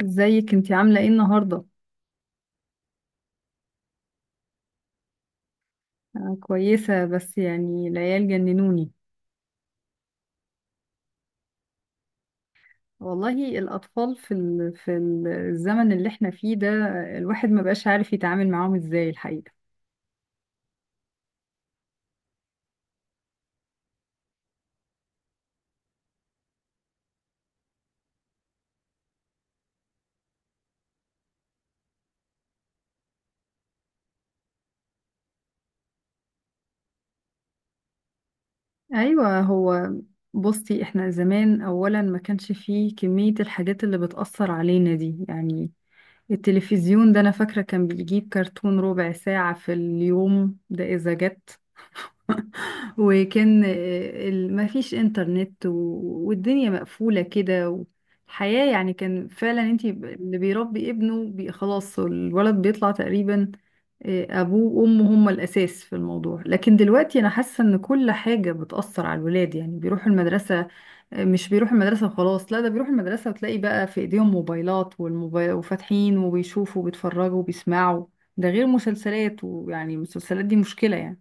ازيك انتي عاملة ايه النهاردة؟ أنا كويسة، بس يعني العيال جننوني. والله الأطفال الزمن اللي احنا فيه ده، الواحد ما بقاش عارف يتعامل معاهم ازاي الحقيقة. أيوة هو، بصي احنا زمان أولا ما كانش فيه كمية الحاجات اللي بتأثر علينا دي، يعني التلفزيون ده أنا فاكرة كان بيجيب كرتون ربع ساعة في اليوم ده إذا جت. وكان مفيش انترنت والدنيا مقفولة كده. والحياة يعني كان فعلا انتي اللي بيربي ابنه خلاص الولد بيطلع تقريبا ابوه وامه هما الاساس في الموضوع. لكن دلوقتي انا حاسة ان كل حاجة بتأثر على الولاد، يعني بيروحوا المدرسة مش بيروحوا المدرسة وخلاص، لا، ده بيروحوا المدرسة وتلاقي بقى في ايديهم موبايلات، والموبايل وفاتحين وبيشوفوا وبيتفرجوا وبيسمعوا، ده غير مسلسلات، ويعني المسلسلات دي مشكلة يعني.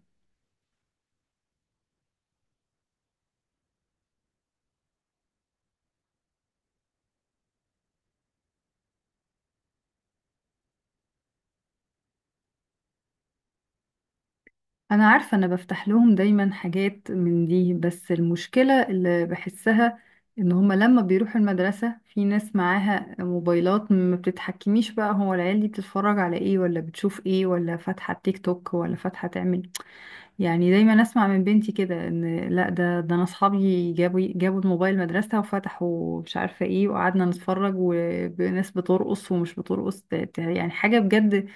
انا عارفة، انا بفتح لهم دايما حاجات من دي، بس المشكلة اللي بحسها ان هما لما بيروحوا المدرسة في ناس معاها موبايلات، ما بتتحكميش بقى هو العيال دي بتتفرج على ايه، ولا بتشوف ايه، ولا فاتحة تيك توك، ولا فاتحة تعمل. يعني دايما اسمع من بنتي كده ان لا ده ده انا اصحابي جابوا الموبايل مدرسة وفتحوا مش عارفة ايه، وقعدنا نتفرج وناس بترقص ومش بترقص، يعني حاجة بجد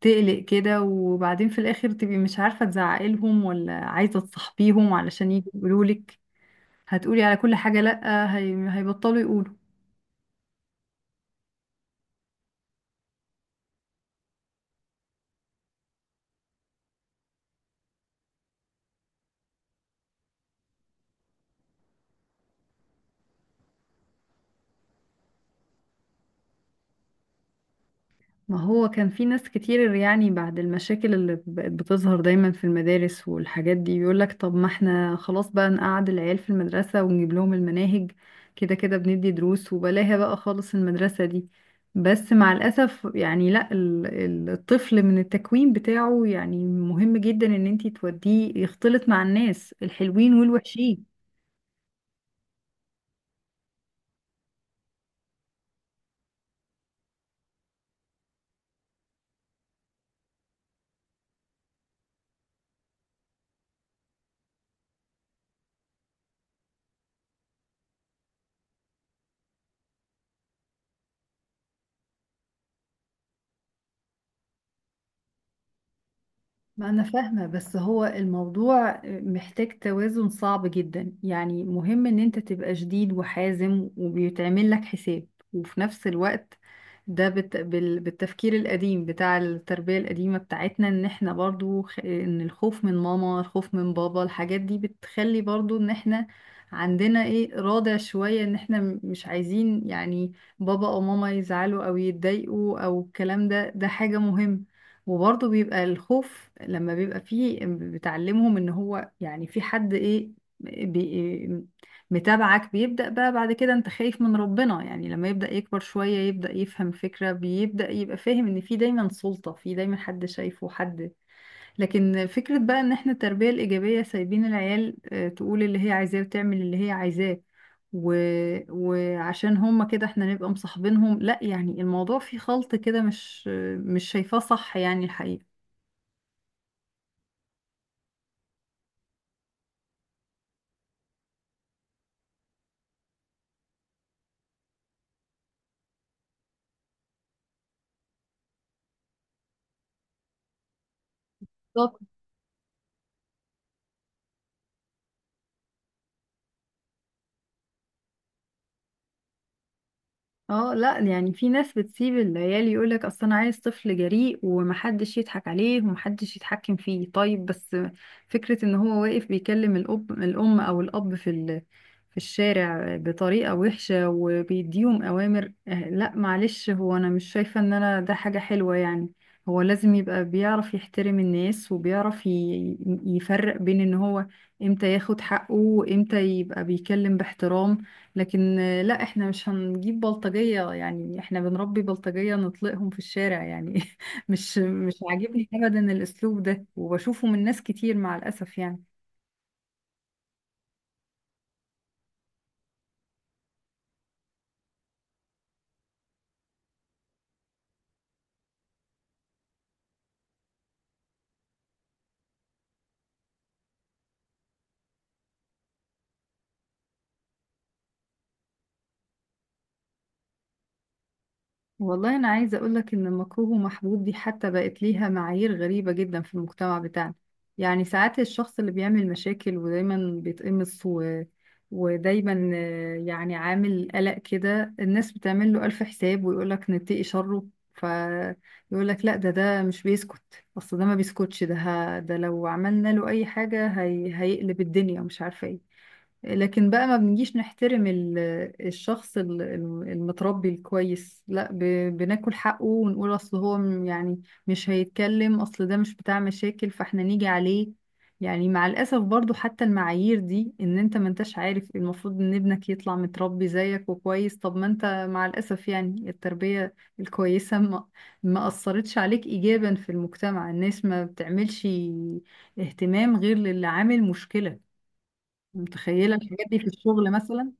تقلق كده. وبعدين في الاخر تبقي مش عارفة تزعقي لهم ولا عايزة تصاحبيهم علشان يجوا يقولوا لك، هتقولي على كل حاجة لأ، هيبطلوا يقولوا. ما هو كان في ناس كتير يعني بعد المشاكل اللي بقت بتظهر دايما في المدارس والحاجات دي، بيقولك طب ما احنا خلاص بقى نقعد العيال في المدرسة ونجيب لهم المناهج، كده كده بندي دروس، وبلاها بقى خالص المدرسة دي. بس مع الأسف يعني لا، الطفل من التكوين بتاعه يعني مهم جدا ان انتي توديه يختلط مع الناس الحلوين والوحشين. ما أنا فاهمة، بس هو الموضوع محتاج توازن صعب جدا. يعني مهم إن أنت تبقى شديد وحازم وبيتعمل لك حساب، وفي نفس الوقت ده بالتفكير القديم بتاع التربية القديمة بتاعتنا، إن إحنا برضو إن الخوف من ماما، الخوف من بابا، الحاجات دي بتخلي برضو إن إحنا عندنا إيه، رادع شوية، إن إحنا مش عايزين يعني بابا أو ماما يزعلوا أو يتضايقوا أو الكلام ده، ده حاجة مهمة. وبرضه بيبقى الخوف لما بيبقى فيه بتعلمهم ان هو يعني في حد ايه بي متابعك. بيبدأ بقى بعد كده انت خايف من ربنا، يعني لما يبدأ يكبر شوية يبدأ يفهم فكرة، بيبدأ يبقى فاهم ان في دايما سلطة، في دايما حد شايفه، حد. لكن فكرة بقى ان احنا التربية الإيجابية سايبين العيال تقول اللي هي عايزاه وتعمل اللي هي عايزاه، و... وعشان هما كده احنا نبقى مصاحبينهم، لا، يعني الموضوع فيه خلط كده، مش مش شايفاه صح يعني الحقيقة. بالظبط. اه لا، يعني في ناس بتسيب العيال، يقولك اصل انا عايز طفل جريء ومحدش يضحك عليه ومحدش يتحكم فيه. طيب، بس فكرة ان هو واقف بيكلم الاب الام، او الاب في الشارع بطريقة وحشة وبيديهم اوامر، لا معلش، هو انا مش شايفة ان انا ده حاجة حلوة يعني. هو لازم يبقى بيعرف يحترم الناس، وبيعرف يفرق بين ان هو امتى ياخد حقه، وامتى يبقى بيكلم باحترام. لكن لا، احنا مش هنجيب بلطجية، يعني احنا بنربي بلطجية نطلقهم في الشارع يعني مش عاجبني ابدا الاسلوب ده، وبشوفه من ناس كتير مع الاسف يعني. والله أنا عايزة أقولك إن المكروه ومحبوب دي حتى بقت ليها معايير غريبة جدا في المجتمع بتاعنا. يعني ساعات الشخص اللي بيعمل مشاكل ودايما بيتقمص و... ودايما آه، يعني عامل قلق كده، الناس بتعمل له ألف حساب، ويقولك نتقي شره. فيقولك لا ده ده مش بيسكت، أصل ده ما بيسكتش، ده ده لو عملنا له أي حاجة هيقلب الدنيا ومش عارفة إيه. لكن بقى ما بنجيش نحترم الشخص المتربي الكويس، لا، بناكل حقه، ونقول اصل هو يعني مش هيتكلم، اصل ده مش بتاع مشاكل، فاحنا نيجي عليه. يعني مع الاسف برضو حتى المعايير دي، ان انت ما انتش عارف المفروض ان ابنك يطلع متربي زيك وكويس. طب ما انت مع الاسف يعني التربية الكويسة ما ما اثرتش عليك ايجابا في المجتمع، الناس ما بتعملش اهتمام غير للي عامل مشكلة. متخيلة الحاجات دي في الشغل مثلا؟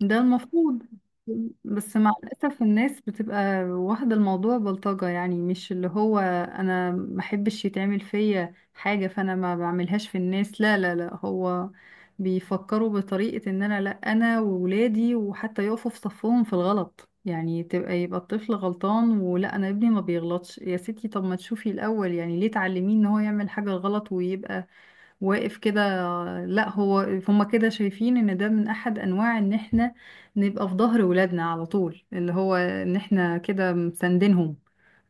ده المفروض، بس مع الأسف الناس بتبقى واخدة الموضوع بلطجة، يعني مش اللي هو أنا ما أحبش يتعمل فيا حاجة فأنا ما بعملهاش في الناس، لا لا لا، هو بيفكروا بطريقة إن أنا لا، أنا وولادي، وحتى يقفوا في صفهم في الغلط، يعني تبقى يبقى الطفل غلطان، ولا أنا ابني ما بيغلطش. يا ستي طب ما تشوفي الأول، يعني ليه تعلميه إن هو يعمل حاجة غلط ويبقى واقف كده؟ لا، هو هما كده شايفين ان ده من احد انواع ان احنا نبقى في ظهر ولادنا على طول، اللي هو ان احنا كده مساندينهم،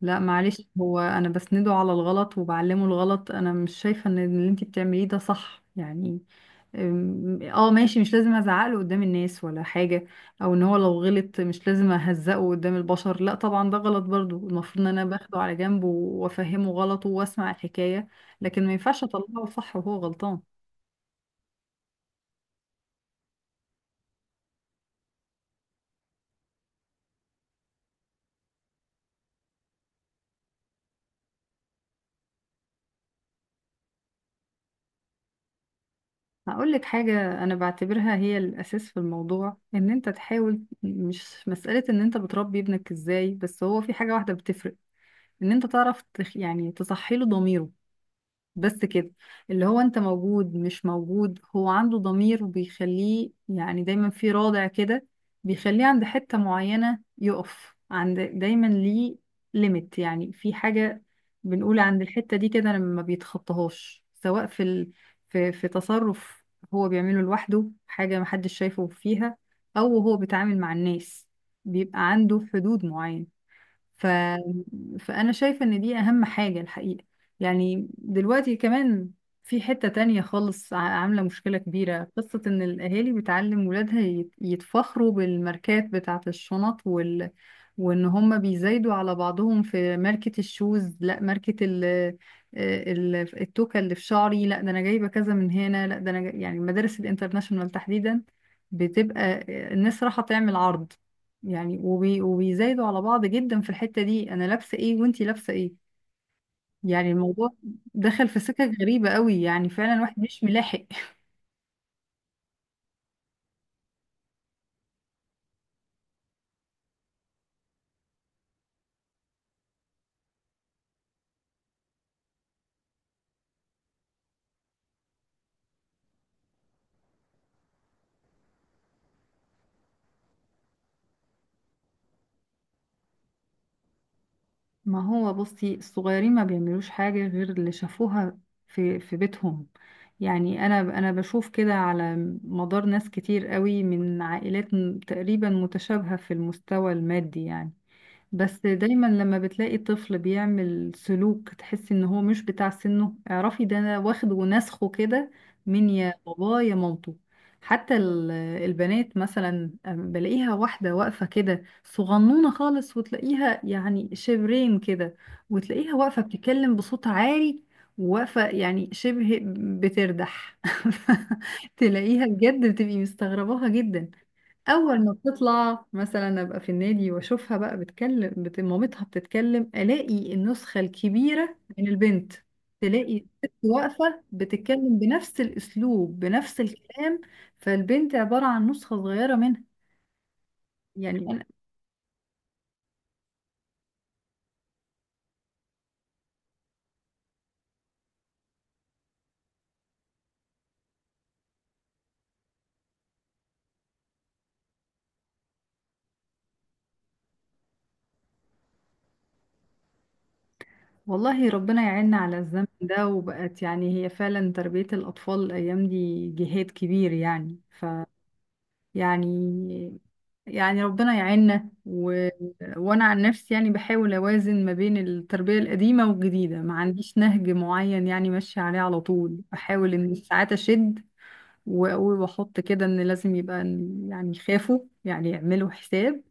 لا معلش، هو انا بسنده على الغلط وبعلمه الغلط، انا مش شايفة ان اللي انتي بتعمليه ده صح يعني. اه ماشي، مش لازم ازعقله قدام الناس ولا حاجة، او ان هو لو غلط مش لازم اهزقه قدام البشر، لا طبعا ده غلط، برضو المفروض ان انا باخده على جنب وافهمه غلطه واسمع الحكاية، لكن ما ينفعش اطلعه صح وهو غلطان. هقول لك حاجة أنا بعتبرها هي الأساس في الموضوع، إن أنت تحاول، مش مسألة إن أنت بتربي ابنك إزاي، بس هو في حاجة واحدة بتفرق، إن أنت تعرف يعني تصحي له ضميره، بس كده، اللي هو انت موجود مش موجود، هو عنده ضمير، وبيخليه يعني دايما في رادع كده، بيخليه عند حتة معينة يقف عند دايما، ليه ليميت يعني في حاجة بنقول عند الحتة دي كده لما بيتخطاهاش، سواء في ال... في في تصرف هو بيعمله لوحده حاجة محدش شايفه فيها، او هو بيتعامل مع الناس بيبقى عنده حدود معينة. ف... فأنا شايفة إن دي أهم حاجة الحقيقة. يعني دلوقتي كمان في حتة تانية خالص عاملة مشكلة كبيرة، قصة إن الأهالي بتعلم ولادها يتفخروا بالماركات بتاعة الشنط وإن هما بيزايدوا على بعضهم في ماركة الشوز، لا ماركة التوكة اللي في شعري، لا ده أنا جايبة كذا من هنا، لا ده أنا يعني المدارس الانترناشونال تحديدا بتبقى الناس رايحة تعمل عرض يعني، وبيزايدوا على بعض جدا في الحتة دي، انا لابسة ايه وانتي لابسة ايه. يعني الموضوع دخل في سكة غريبة قوي، يعني فعلا الواحد مش ملاحق. ما هو بصي الصغيرين ما بيعملوش حاجة غير اللي شافوها في بيتهم. يعني انا بشوف كده على مدار ناس كتير قوي من عائلات تقريبا متشابهة في المستوى المادي يعني. بس دايما لما بتلاقي طفل بيعمل سلوك تحس ان هو مش بتاع سنه، اعرفي ده انا واخد ونسخه كده من يا باباه يا مامته. حتى البنات مثلا أم بلاقيها واحدة واقفة كده صغنونة خالص وتلاقيها يعني شبرين كده، وتلاقيها واقفة بتتكلم بصوت عالي، وواقفة يعني شبه بتردح تلاقيها بجد بتبقي مستغرباها جدا. اول ما بتطلع مثلا ابقى في النادي واشوفها بقى بتكلم مامتها بتتكلم، الاقي النسخه الكبيره من البنت، تلاقي الست واقفه بتتكلم بنفس الاسلوب بنفس الكلام، فالبنت عباره عن نسخه صغيره منها. يعني أنا والله ربنا يعيننا على الزمن ده، وبقت يعني هي فعلا تربيه الاطفال الايام دي جهاد كبير، يعني ف يعني يعني ربنا يعيننا و... وانا عن نفسي يعني بحاول اوازن ما بين التربية القديمة والجديدة، ما عنديش نهج معين يعني ماشية عليه على طول، بحاول ان ساعات اشد واقول واحط كده ان لازم يبقى يعني يخافوا، يعني يعملوا حساب،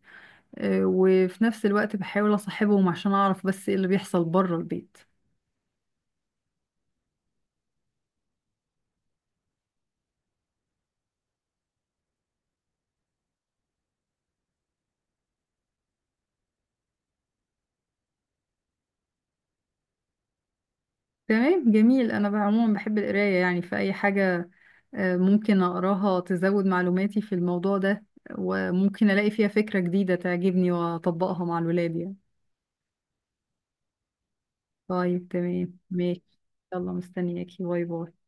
وفي نفس الوقت بحاول اصاحبهم عشان اعرف بس ايه اللي بيحصل بره البيت. تمام جميل، انا عموما بحب القراية يعني في اي حاجة ممكن أقراها تزود معلوماتي في الموضوع ده، وممكن ألاقي فيها فكرة جديدة تعجبني وأطبقها مع الولاد يعني. طيب تمام ماشي. يلا مستنياكي، باي باي.